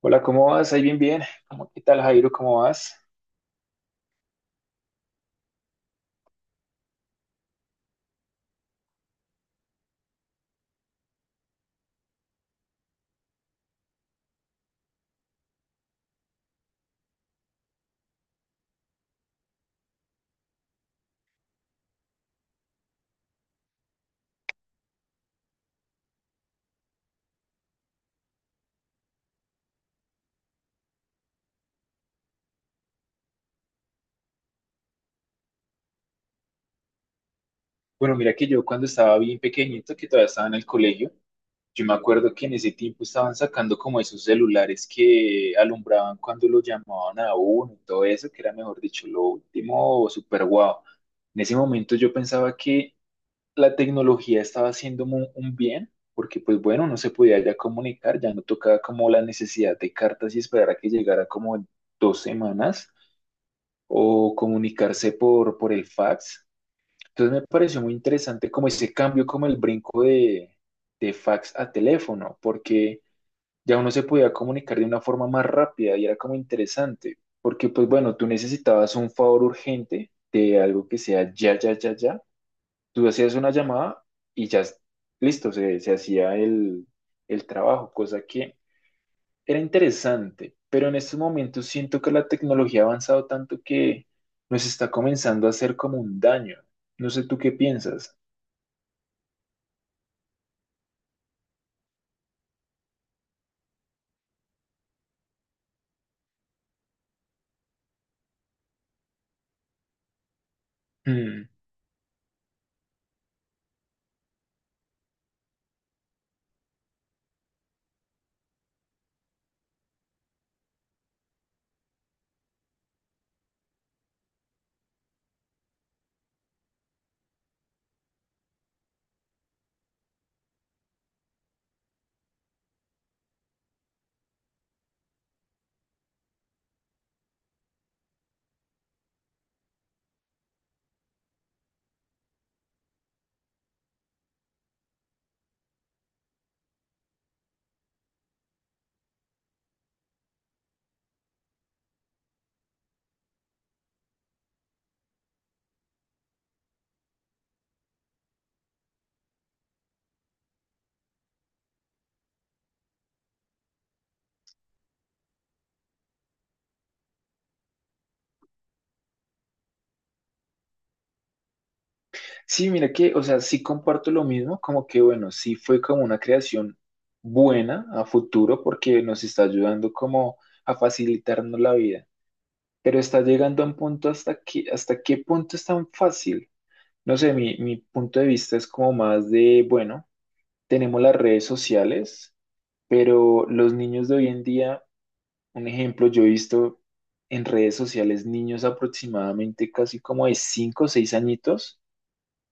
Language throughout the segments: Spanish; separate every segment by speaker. Speaker 1: Hola, ¿cómo vas? Ahí bien, bien. ¿Cómo, qué tal, Jairo? ¿Cómo vas? Bueno, mira que yo cuando estaba bien pequeñito, que todavía estaba en el colegio, yo me acuerdo que en ese tiempo estaban sacando como esos celulares que alumbraban cuando lo llamaban a uno y todo eso, que era mejor dicho, lo último o super guau. En ese momento yo pensaba que la tecnología estaba haciendo un bien, porque pues bueno, uno se podía ya comunicar, ya no tocaba como la necesidad de cartas y esperar a que llegara como en 2 semanas o comunicarse por el fax. Entonces me pareció muy interesante como ese cambio, como el brinco de fax a teléfono, porque ya uno se podía comunicar de una forma más rápida y era como interesante, porque pues bueno, tú necesitabas un favor urgente de algo que sea ya, ya, ya, ya. Tú hacías una llamada y ya, listo, se hacía el trabajo, cosa que... Era interesante, pero en estos momentos siento que la tecnología ha avanzado tanto que nos está comenzando a hacer como un daño. No sé tú qué piensas. Mm. Sí, mira que, o sea, sí comparto lo mismo, como que bueno, sí fue como una creación buena a futuro porque nos está ayudando como a facilitarnos la vida, pero está llegando a un punto hasta que, hasta qué punto es tan fácil. No sé, mi punto de vista es como más de, bueno, tenemos las redes sociales. Pero los niños de hoy en día, un ejemplo, yo he visto en redes sociales niños aproximadamente casi como de 5 o 6 añitos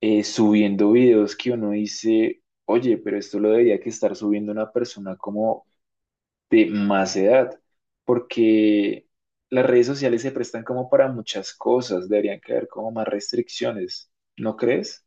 Speaker 1: subiendo videos que uno dice, oye, pero esto lo debería que estar subiendo una persona como de más edad, porque las redes sociales se prestan como para muchas cosas, deberían que haber como más restricciones, ¿no crees?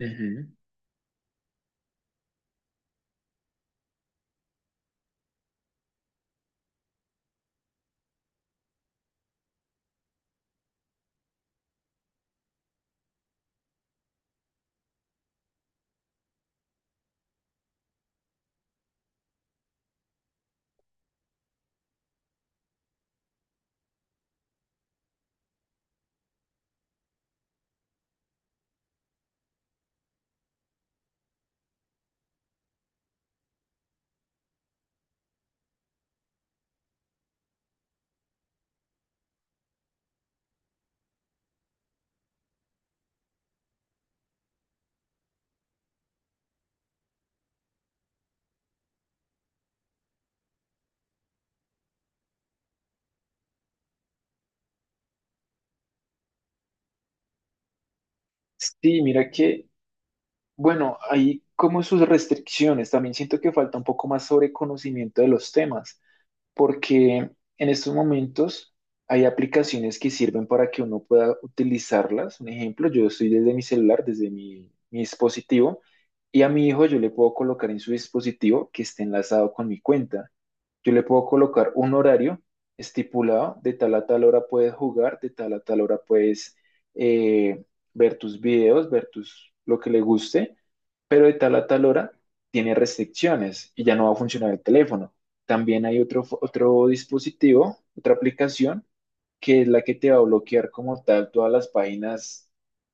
Speaker 1: Ujú. Sí, mira que bueno, hay como sus restricciones. También siento que falta un poco más sobre conocimiento de los temas, porque en estos momentos hay aplicaciones que sirven para que uno pueda utilizarlas. Un ejemplo, yo estoy desde mi celular, desde mi dispositivo, y a mi hijo yo le puedo colocar en su dispositivo que esté enlazado con mi cuenta. Yo le puedo colocar un horario estipulado, de tal a tal hora puedes jugar, de tal a tal hora puedes eh, ver tus videos, ver tus, lo que le guste, pero de tal a tal hora tiene restricciones y ya no va a funcionar el teléfono. También hay otro dispositivo, otra aplicación, que es la que te va a bloquear como tal todas las páginas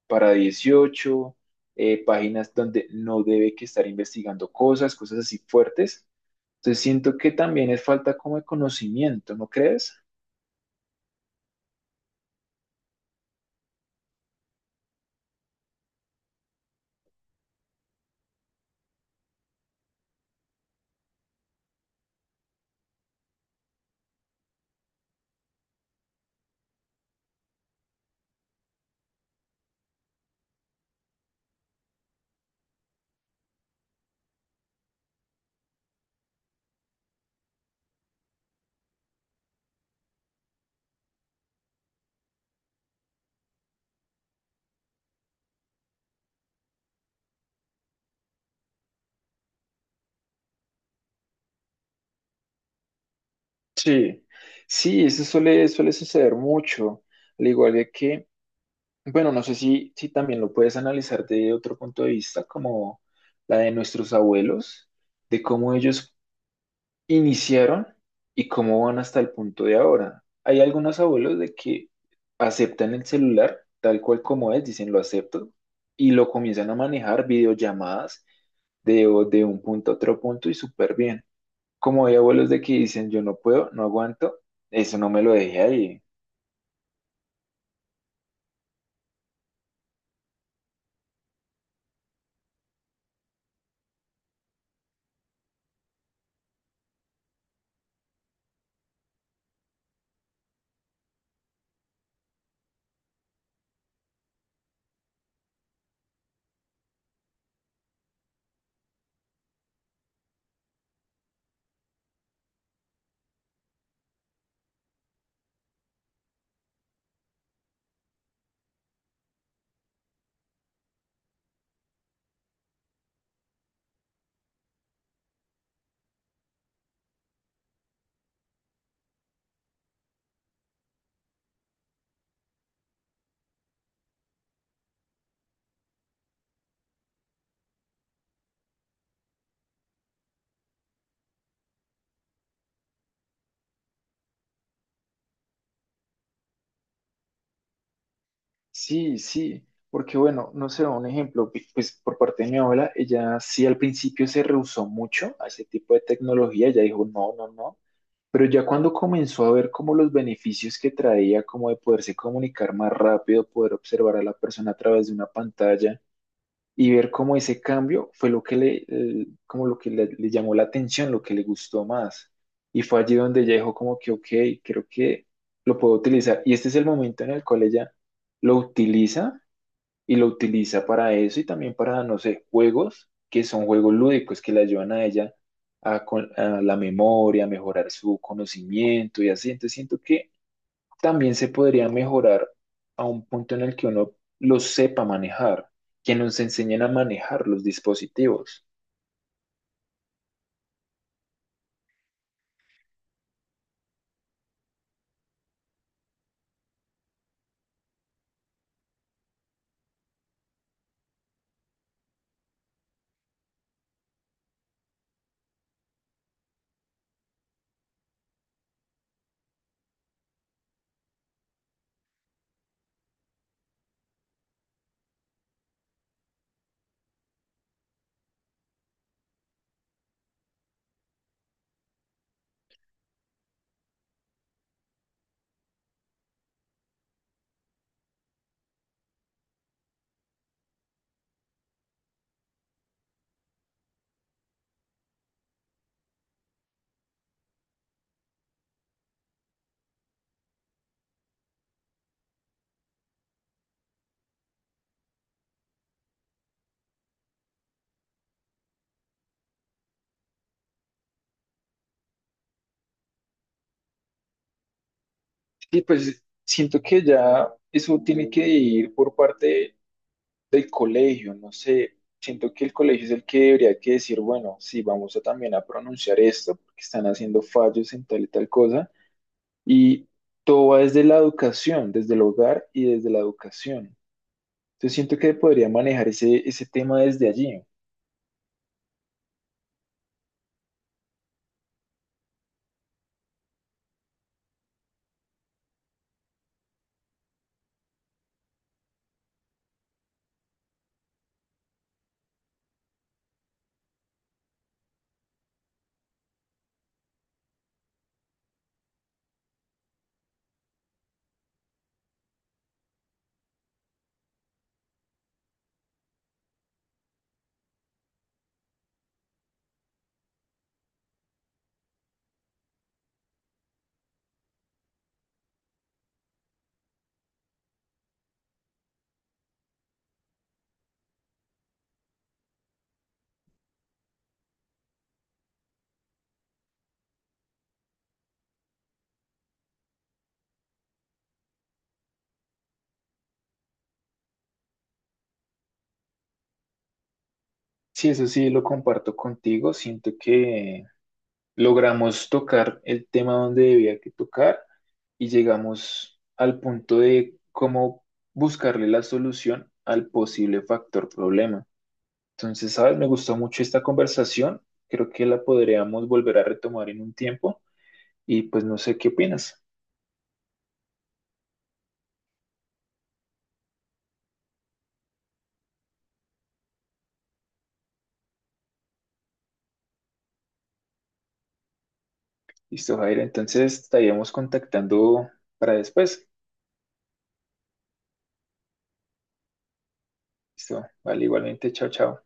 Speaker 1: para 18, páginas donde no debe que estar investigando cosas, cosas así fuertes. Entonces siento que también es falta como de conocimiento, ¿no crees? Sí, sí, eso suele, suele suceder mucho, al igual de que, bueno, no sé si también lo puedes analizar de otro punto de vista, como la de nuestros abuelos, de cómo ellos iniciaron y cómo van hasta el punto de ahora. Hay algunos abuelos de que aceptan el celular tal cual como es, dicen lo acepto, y lo comienzan a manejar videollamadas de un punto a otro punto y súper bien. Como hay abuelos de que dicen, yo no puedo, no aguanto, eso no me lo dejé ahí. Sí, sí, porque bueno, no sé, un ejemplo, pues por parte de mi abuela, ella sí al principio se rehusó mucho a ese tipo de tecnología, ella dijo, no, no, no, pero ya cuando comenzó a ver como los beneficios que traía, como de poderse comunicar más rápido, poder observar a la persona a través de una pantalla, y ver cómo ese cambio fue lo que le, como lo que le llamó la atención, lo que le gustó más. Y fue allí donde ella dijo como que, ok, creo que lo puedo utilizar. Y este es el momento en el cual ella lo utiliza y lo utiliza para eso y también para, no sé, juegos que son juegos lúdicos que le ayudan a ella a, a la memoria, a mejorar su conocimiento y así. Entonces siento que también se podría mejorar a un punto en el que uno lo sepa manejar, que nos enseñen a manejar los dispositivos. Y pues siento que ya eso tiene que ir por parte del colegio, no sé, siento que el colegio es el que debería que decir, bueno, sí, vamos a también a pronunciar esto, porque están haciendo fallos en tal y tal cosa, y todo va desde la educación, desde el hogar y desde la educación. Entonces siento que podría manejar ese, ese tema desde allí. Sí, eso sí, lo comparto contigo. Siento que logramos tocar el tema donde debía que tocar y llegamos al punto de cómo buscarle la solución al posible factor problema. Entonces, sabes, me gustó mucho esta conversación. Creo que la podríamos volver a retomar en un tiempo y pues no sé qué opinas. Listo, Jair. Entonces, estaríamos contactando para después. Listo. Vale, igualmente. Chao, chao.